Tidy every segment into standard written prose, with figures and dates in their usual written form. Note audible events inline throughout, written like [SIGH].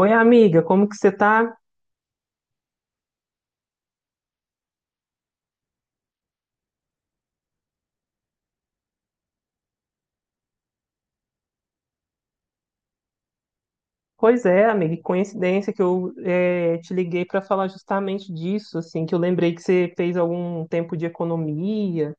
Oi, amiga, como que você tá? Pois é, amiga, que coincidência que eu te liguei para falar justamente disso, assim, que eu lembrei que você fez algum tempo de economia,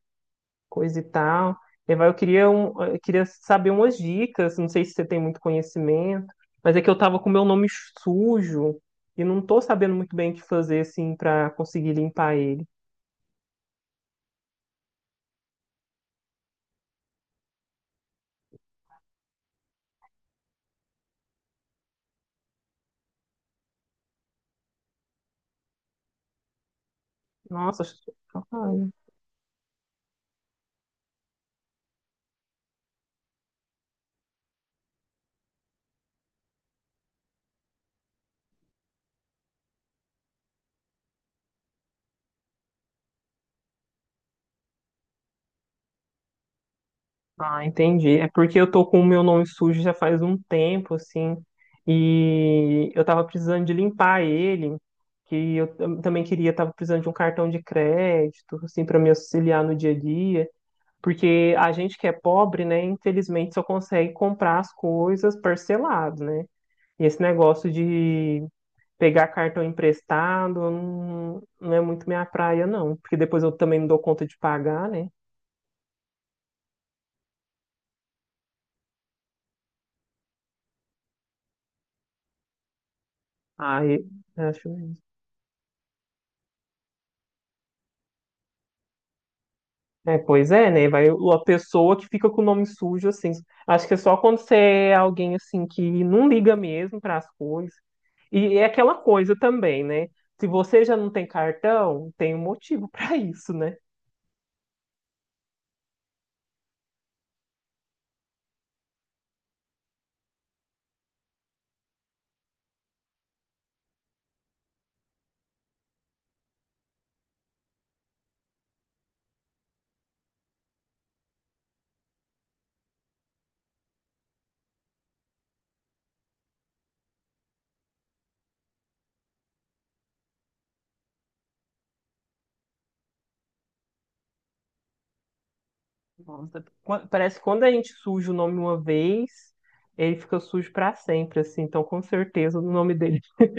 coisa e tal. E vai, eu queria saber umas dicas, não sei se você tem muito conhecimento, mas é que eu tava com meu nome sujo e não tô sabendo muito bem o que fazer, assim, para conseguir limpar ele. Nossa. Ah, entendi. É porque eu tô com o meu nome sujo já faz um tempo, assim, e eu tava precisando de limpar ele, que eu também queria, tava precisando de um cartão de crédito, assim, para me auxiliar no dia a dia, porque a gente que é pobre, né, infelizmente só consegue comprar as coisas parcelado, né? E esse negócio de pegar cartão emprestado não, não é muito minha praia, não, porque depois eu também não dou conta de pagar, né? Aí, acho. É, pois é, né? Vai a pessoa que fica com o nome sujo, assim. Acho que é só quando você é alguém, assim, que não liga mesmo para as coisas. E é aquela coisa também, né? Se você já não tem cartão, tem um motivo [LAUGHS] para isso, né? Nossa. Parece que quando a gente suja o nome uma vez, ele fica sujo para sempre, assim. Então, com certeza, o nome dele. [LAUGHS]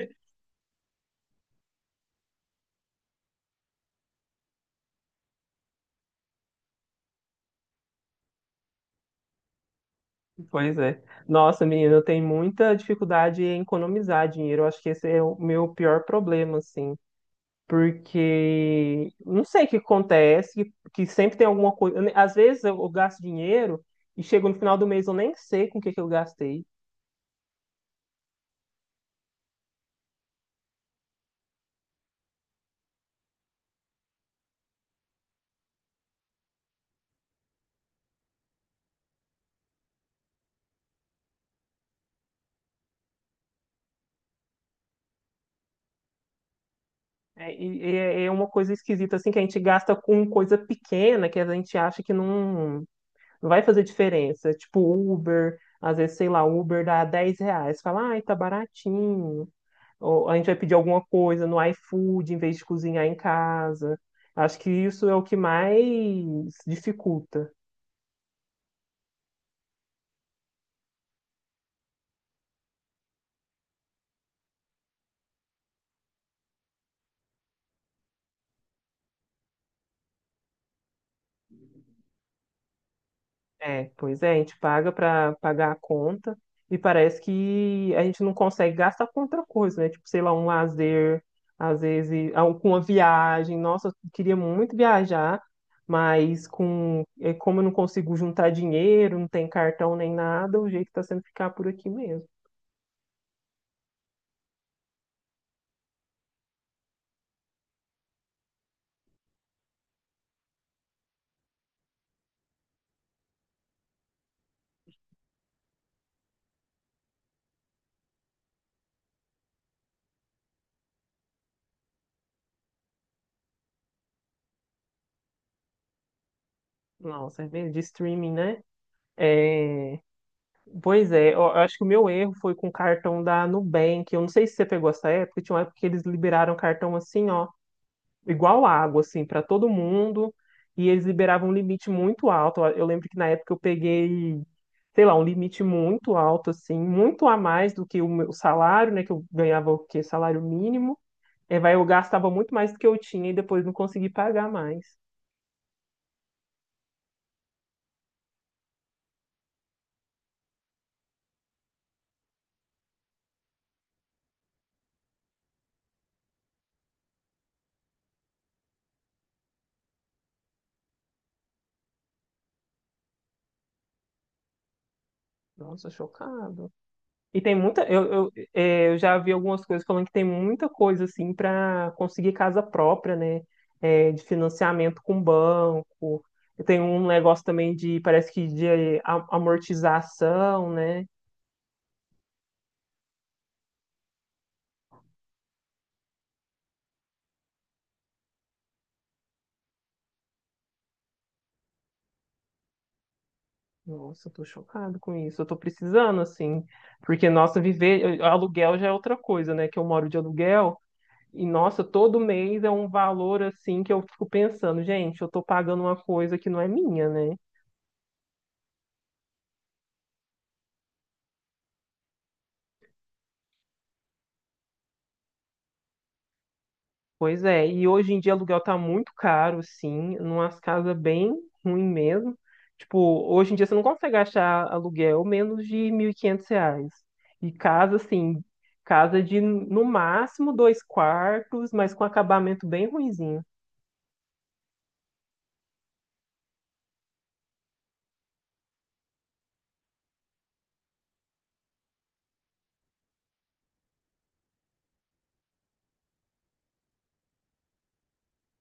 Pois é. Nossa, menina, eu tenho muita dificuldade em economizar dinheiro. Eu acho que esse é o meu pior problema, assim. Porque não sei o que acontece, que sempre tem alguma coisa. Às vezes eu gasto dinheiro e chego no final do mês eu nem sei com o que, que eu gastei. É, e é uma coisa esquisita, assim, que a gente gasta com coisa pequena que a gente acha que não, não vai fazer diferença. Tipo Uber, às vezes, sei lá, Uber dá R$ 10. Fala, ai, tá baratinho. Ou a gente vai pedir alguma coisa no iFood em vez de cozinhar em casa. Acho que isso é o que mais dificulta. É, pois é, a gente paga para pagar a conta e parece que a gente não consegue gastar com outra coisa, né? Tipo, sei lá, um lazer, às vezes, ah, com uma viagem. Nossa, eu queria muito viajar, mas como eu não consigo juntar dinheiro, não tem cartão nem nada, o jeito está sendo ficar por aqui mesmo. Nossa, é mesmo, de streaming, né? É, pois é, eu acho que o meu erro foi com o cartão da Nubank. Eu não sei se você pegou essa época, tinha uma época que eles liberaram cartão assim, ó igual água, assim, para todo mundo. E eles liberavam um limite muito alto. Eu lembro que na época eu peguei, sei lá, um limite muito alto, assim, muito a mais do que o meu salário, né? Que eu ganhava o quê? Salário mínimo. É, vai, eu gastava muito mais do que eu tinha e depois não consegui pagar mais. Nossa, chocado. E tem muita. Eu já vi algumas coisas falando que tem muita coisa assim para conseguir casa própria, né? É, de financiamento com banco. Tem um negócio também de, parece que de amortização, né? Nossa, eu tô chocado com isso. Eu tô precisando, assim. Porque, nossa, viver. Aluguel já é outra coisa, né? Que eu moro de aluguel. E, nossa, todo mês é um valor, assim, que eu fico pensando, gente, eu tô pagando uma coisa que não é minha, né? Pois é, e hoje em dia aluguel tá muito caro, sim, numas casas bem ruim mesmo. Tipo, hoje em dia você não consegue achar aluguel menos de R$ 1.500. E casa, assim, casa de no máximo dois quartos, mas com acabamento bem ruinzinho.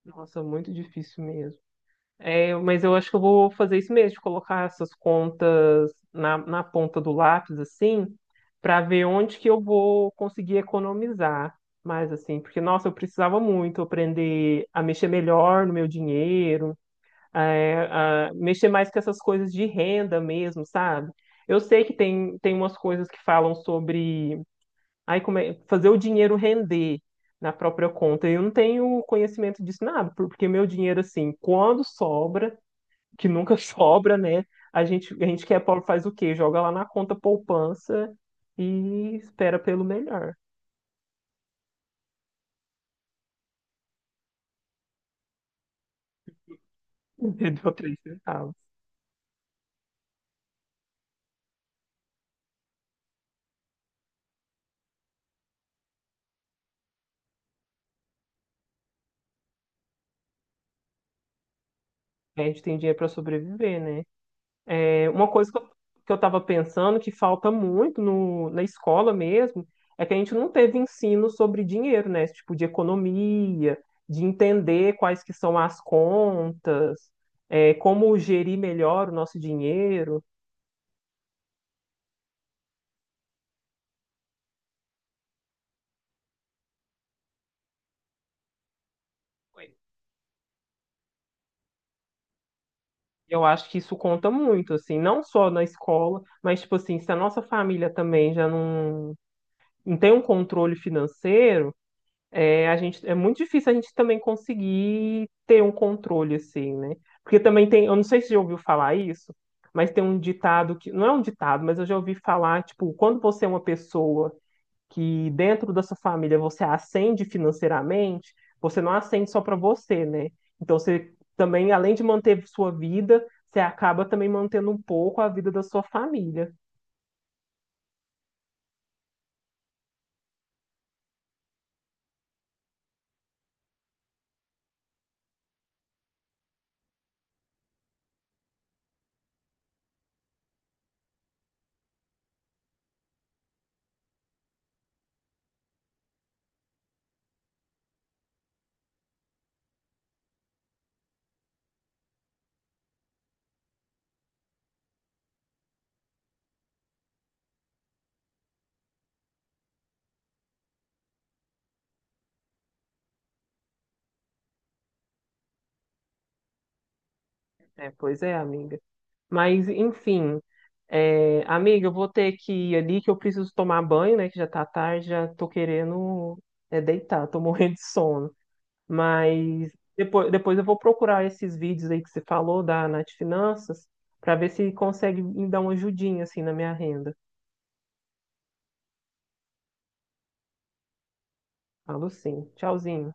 Nossa, muito difícil mesmo. É, mas eu acho que eu vou fazer isso mesmo, de colocar essas contas na ponta do lápis, assim, para ver onde que eu vou conseguir economizar mais, assim, porque, nossa, eu precisava muito aprender a mexer melhor no meu dinheiro, a mexer mais com essas coisas de renda mesmo, sabe? Eu sei que tem umas coisas que falam sobre ai, fazer o dinheiro render na própria conta. Eu não tenho conhecimento disso nada, porque meu dinheiro, assim, quando sobra que nunca [LAUGHS] sobra, né? A gente que é pobre faz o quê? Joga lá na conta poupança e espera pelo melhor. [LAUGHS] Entendeu? 3 centavos. A gente tem dinheiro para sobreviver, né? É, uma coisa que eu tava pensando que falta muito no, na escola mesmo é que a gente não teve ensino sobre dinheiro, né? Tipo, de economia, de entender quais que são as contas, como gerir melhor o nosso dinheiro. Eu acho que isso conta muito, assim, não só na escola, mas, tipo assim, se a nossa família também já não, não tem um controle financeiro, é muito difícil a gente também conseguir ter um controle, assim, né? Porque também tem, eu não sei se você já ouviu falar isso, mas tem um ditado que, não é um ditado, mas eu já ouvi falar, tipo, quando você é uma pessoa que dentro da sua família você ascende financeiramente, você não ascende só para você, né? Então você também, além de manter sua vida, você acaba também mantendo um pouco a vida da sua família. É, pois é, amiga. Mas, enfim, amiga, eu vou ter que ir ali, que eu preciso tomar banho, né? Que já tá tarde, já tô querendo deitar, tô [LAUGHS] morrendo de sono. Mas depois eu vou procurar esses vídeos aí que você falou da Nath Finanças para ver se consegue me dar uma ajudinha assim na minha renda. Falo sim. Tchauzinho.